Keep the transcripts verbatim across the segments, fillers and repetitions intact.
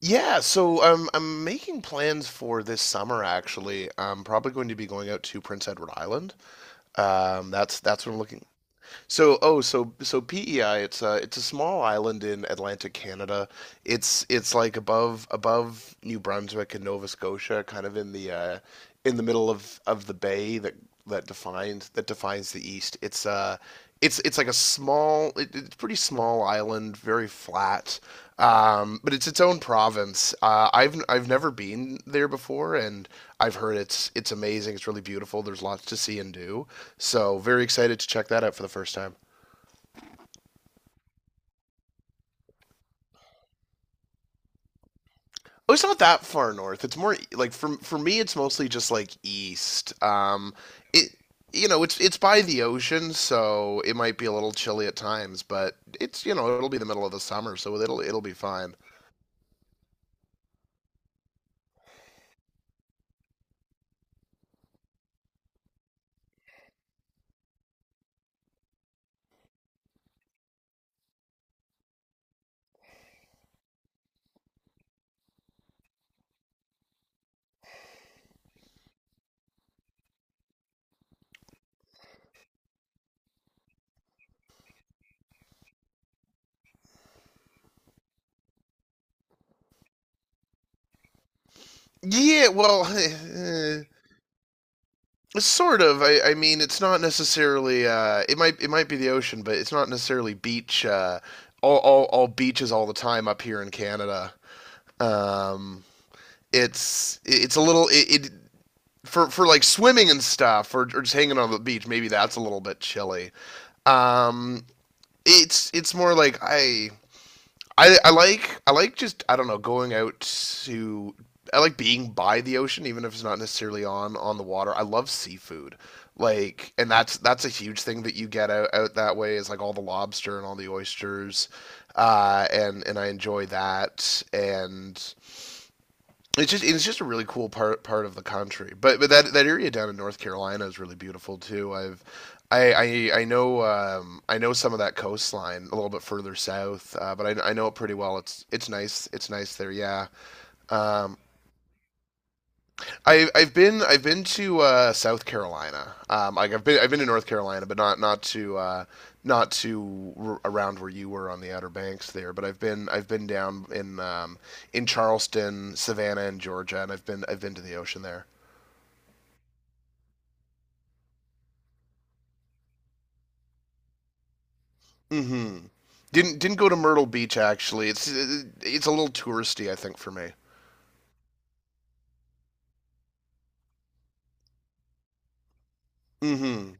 Yeah, so um, I'm making plans for this summer actually. I'm probably going to be going out to Prince Edward Island. Um, that's that's what I'm looking. So oh, so so P E I, it's a it's a small island in Atlantic Canada. It's it's like above above New Brunswick and Nova Scotia, kind of in the uh, in the middle of, of the bay that that defines that defines the east. It's uh it's it's like a small it, it's a pretty small island, very flat. Um, but it's its own province. Uh, I've I've never been there before, and I've heard it's it's amazing. It's really beautiful. There's lots to see and do. So very excited to check that out for the first time. Oh, it's not that far north. It's more like for for me, it's mostly just like east. Um, it you know, it's it's by the ocean, so it might be a little chilly at times, but it's you know, it'll be the middle of the summer, so it'll it'll be fine. Yeah, well, eh, sort of. I I mean, it's not necessarily uh, it might it might be the ocean, but it's not necessarily beach uh, all, all all beaches all the time up here in Canada. Um, it's it's a little it, it for for like swimming and stuff or, or just hanging on the beach, maybe that's a little bit chilly. um it's it's more like i i i like i like just, I don't know, going out to. I like being by the ocean, even if it's not necessarily on on the water. I love seafood, like, and that's that's a huge thing that you get out, out that way, is like all the lobster and all the oysters. Uh and and I enjoy that, and it's just it's just a really cool part part of the country. But but that that area down in North Carolina is really beautiful too. I've I I, I know um, I know some of that coastline a little bit further south, uh, but I, I know it pretty well. It's it's nice it's nice there. Yeah. Um, I, I've been I've been to uh, South Carolina. Um, like I've been I've been to North Carolina, but not not to uh, not to r- around where you were on the Outer Banks there. But I've been I've been down in um, in Charleston, Savannah, and Georgia, and I've been I've been to the ocean there. Hmm. Didn't didn't go to Myrtle Beach actually. It's uh, it's a little touristy, I think, for me. Hmm.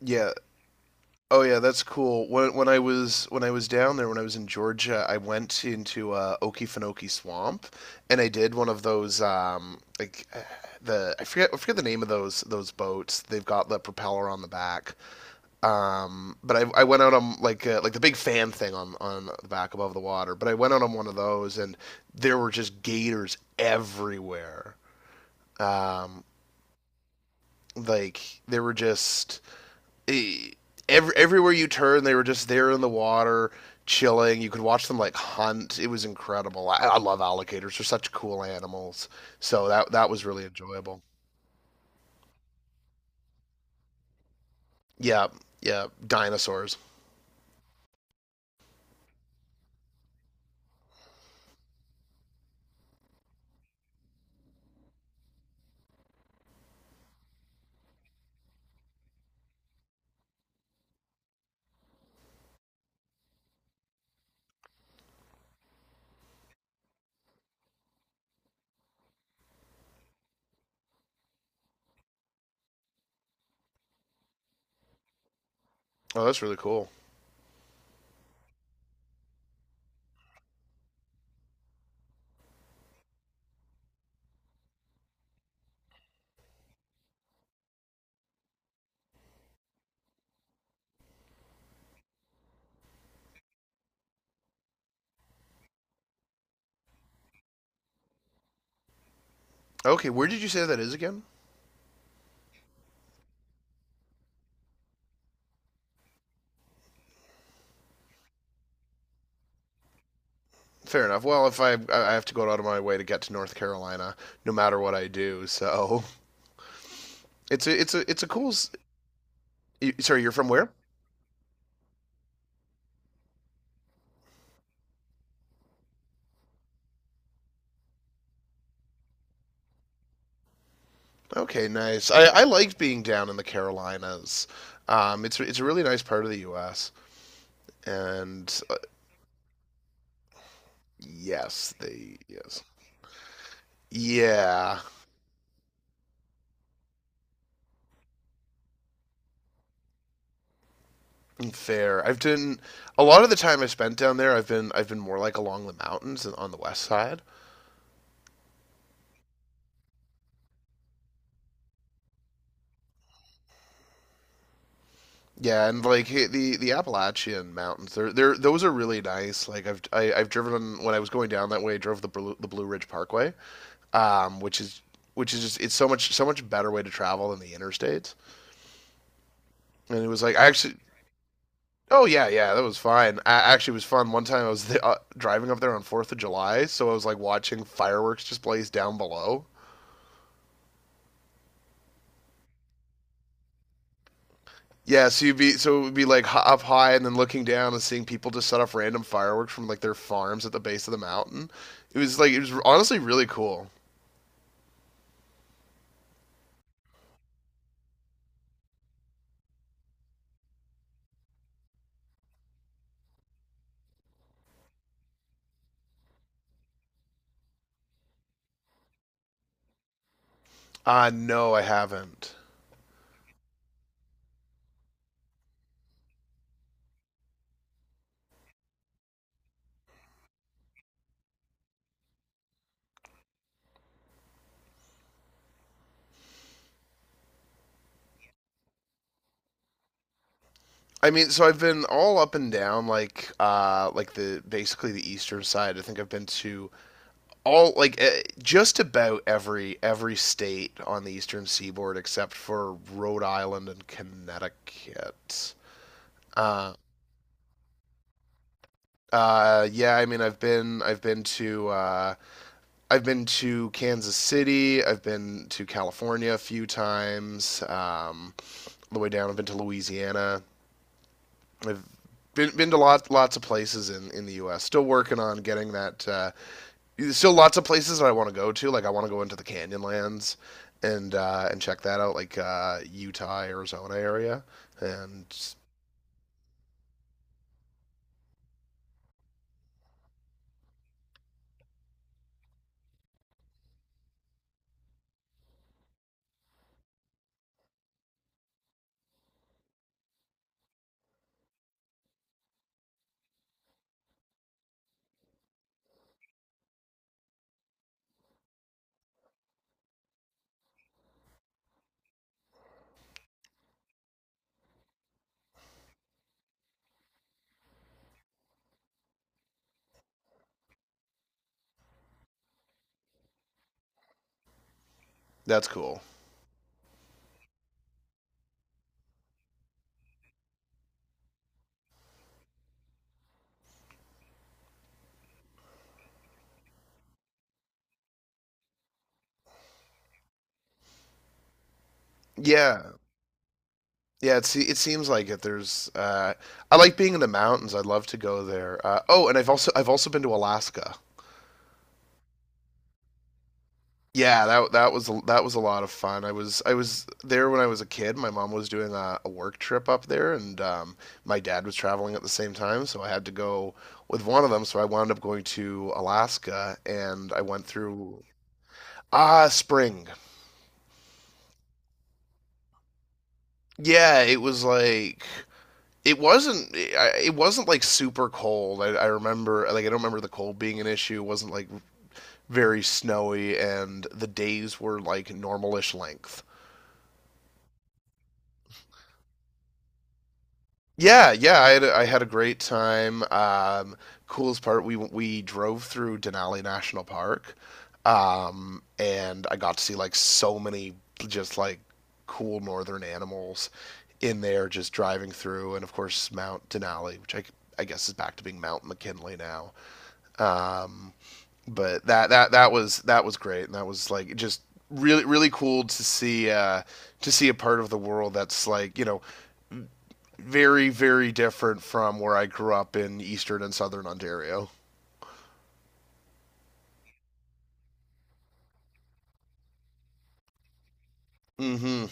Yeah. Oh yeah, that's cool. When when I was when I was down there, when I was in Georgia, I went into uh, Okefenokee Swamp, and I did one of those, um, like, uh, the I forget I forget the name of those those boats. They've got the propeller on the back. Um, but I, I went out on like, uh, like the big fan thing on on the back above the water. But I went out on one of those, and there were just gators everywhere. Um, like, they were just, eh, every, everywhere you turn, they were just there in the water, chilling. You could watch them like hunt. It was incredible. I, I love alligators; they're such cool animals. So that that was really enjoyable. Yeah, yeah, dinosaurs. Oh, that's really cool. Okay, where did you say that is again? Fair enough. Well, if I I I have to go out of my way to get to North Carolina, no matter what I do, so it's a it's a it's a cool. s- you- Sorry, you're from where? Okay, nice. I I liked being down in the Carolinas. Um, it's it's a really nice part of the U S, and uh, yes, they yes. Yeah, fair. I've done a lot of the time I spent down there. I've been I've been more like along the mountains and on the west side. Yeah, and like, hey, the the Appalachian Mountains, they're they're those are really nice. Like, I've I, I've driven on, when I was going down that way. I drove the Blue, the Blue Ridge Parkway, um, which is which is just, it's so much so much better way to travel than the interstates. And it was like I actually. Oh yeah, yeah, that was fine. I, actually, it was fun. One time I was the, uh, driving up there on Fourth of July, so I was like watching fireworks displays down below. Yeah, so you'd be so it would be like up high and then looking down and seeing people just set off random fireworks from like their farms at the base of the mountain. It was like it was honestly really cool. Uh no, I haven't. I mean, so I've been all up and down, like, uh like, the basically the eastern side. I think I've been to all, like, uh, just about every every state on the eastern seaboard except for Rhode Island and Connecticut. Uh, uh, yeah, I mean, I've been I've been to uh, I've been to Kansas City. I've been to California a few times. Um, all the way down, I've been to Louisiana. I've been been to lots lots of places in in the U S. Still working on getting that, uh, there's still lots of places that I want to go to. Like, I want to go into the Canyonlands, and uh, and check that out, like, uh, Utah, Arizona area, and that's cool. Yeah, yeah. It se- it seems like it. There's uh, I like being in the mountains. I'd love to go there. Uh, oh, and I've also I've also been to Alaska. Yeah, that that was a- that was a lot of fun. I was I was there when I was a kid. My mom was doing a, a work trip up there, and um, my dad was traveling at the same time, so I had to go with one of them. So I wound up going to Alaska, and I went through ah spring. Yeah, it was like it wasn't I- it wasn't like super cold. I, I remember, like, I don't remember the cold being an issue. It wasn't like very snowy, and the days were like normalish length. Yeah, yeah, I had a, I had a great time. Um, coolest part, we we drove through Denali National Park, um, and I got to see like so many just like cool northern animals in there just driving through, and of course Mount Denali, which I I guess is back to being Mount McKinley now. Um, but that that that was that was great, and that was like just really really cool to see, uh, to see a part of the world that's like, you know very very different from where I grew up in eastern and southern Ontario. Mm-hmm.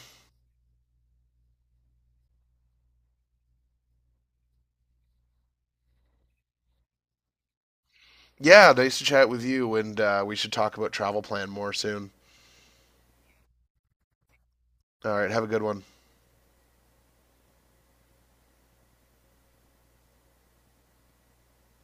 Yeah, nice to chat with you, and uh, we should talk about travel plan more soon. All right, have a good one.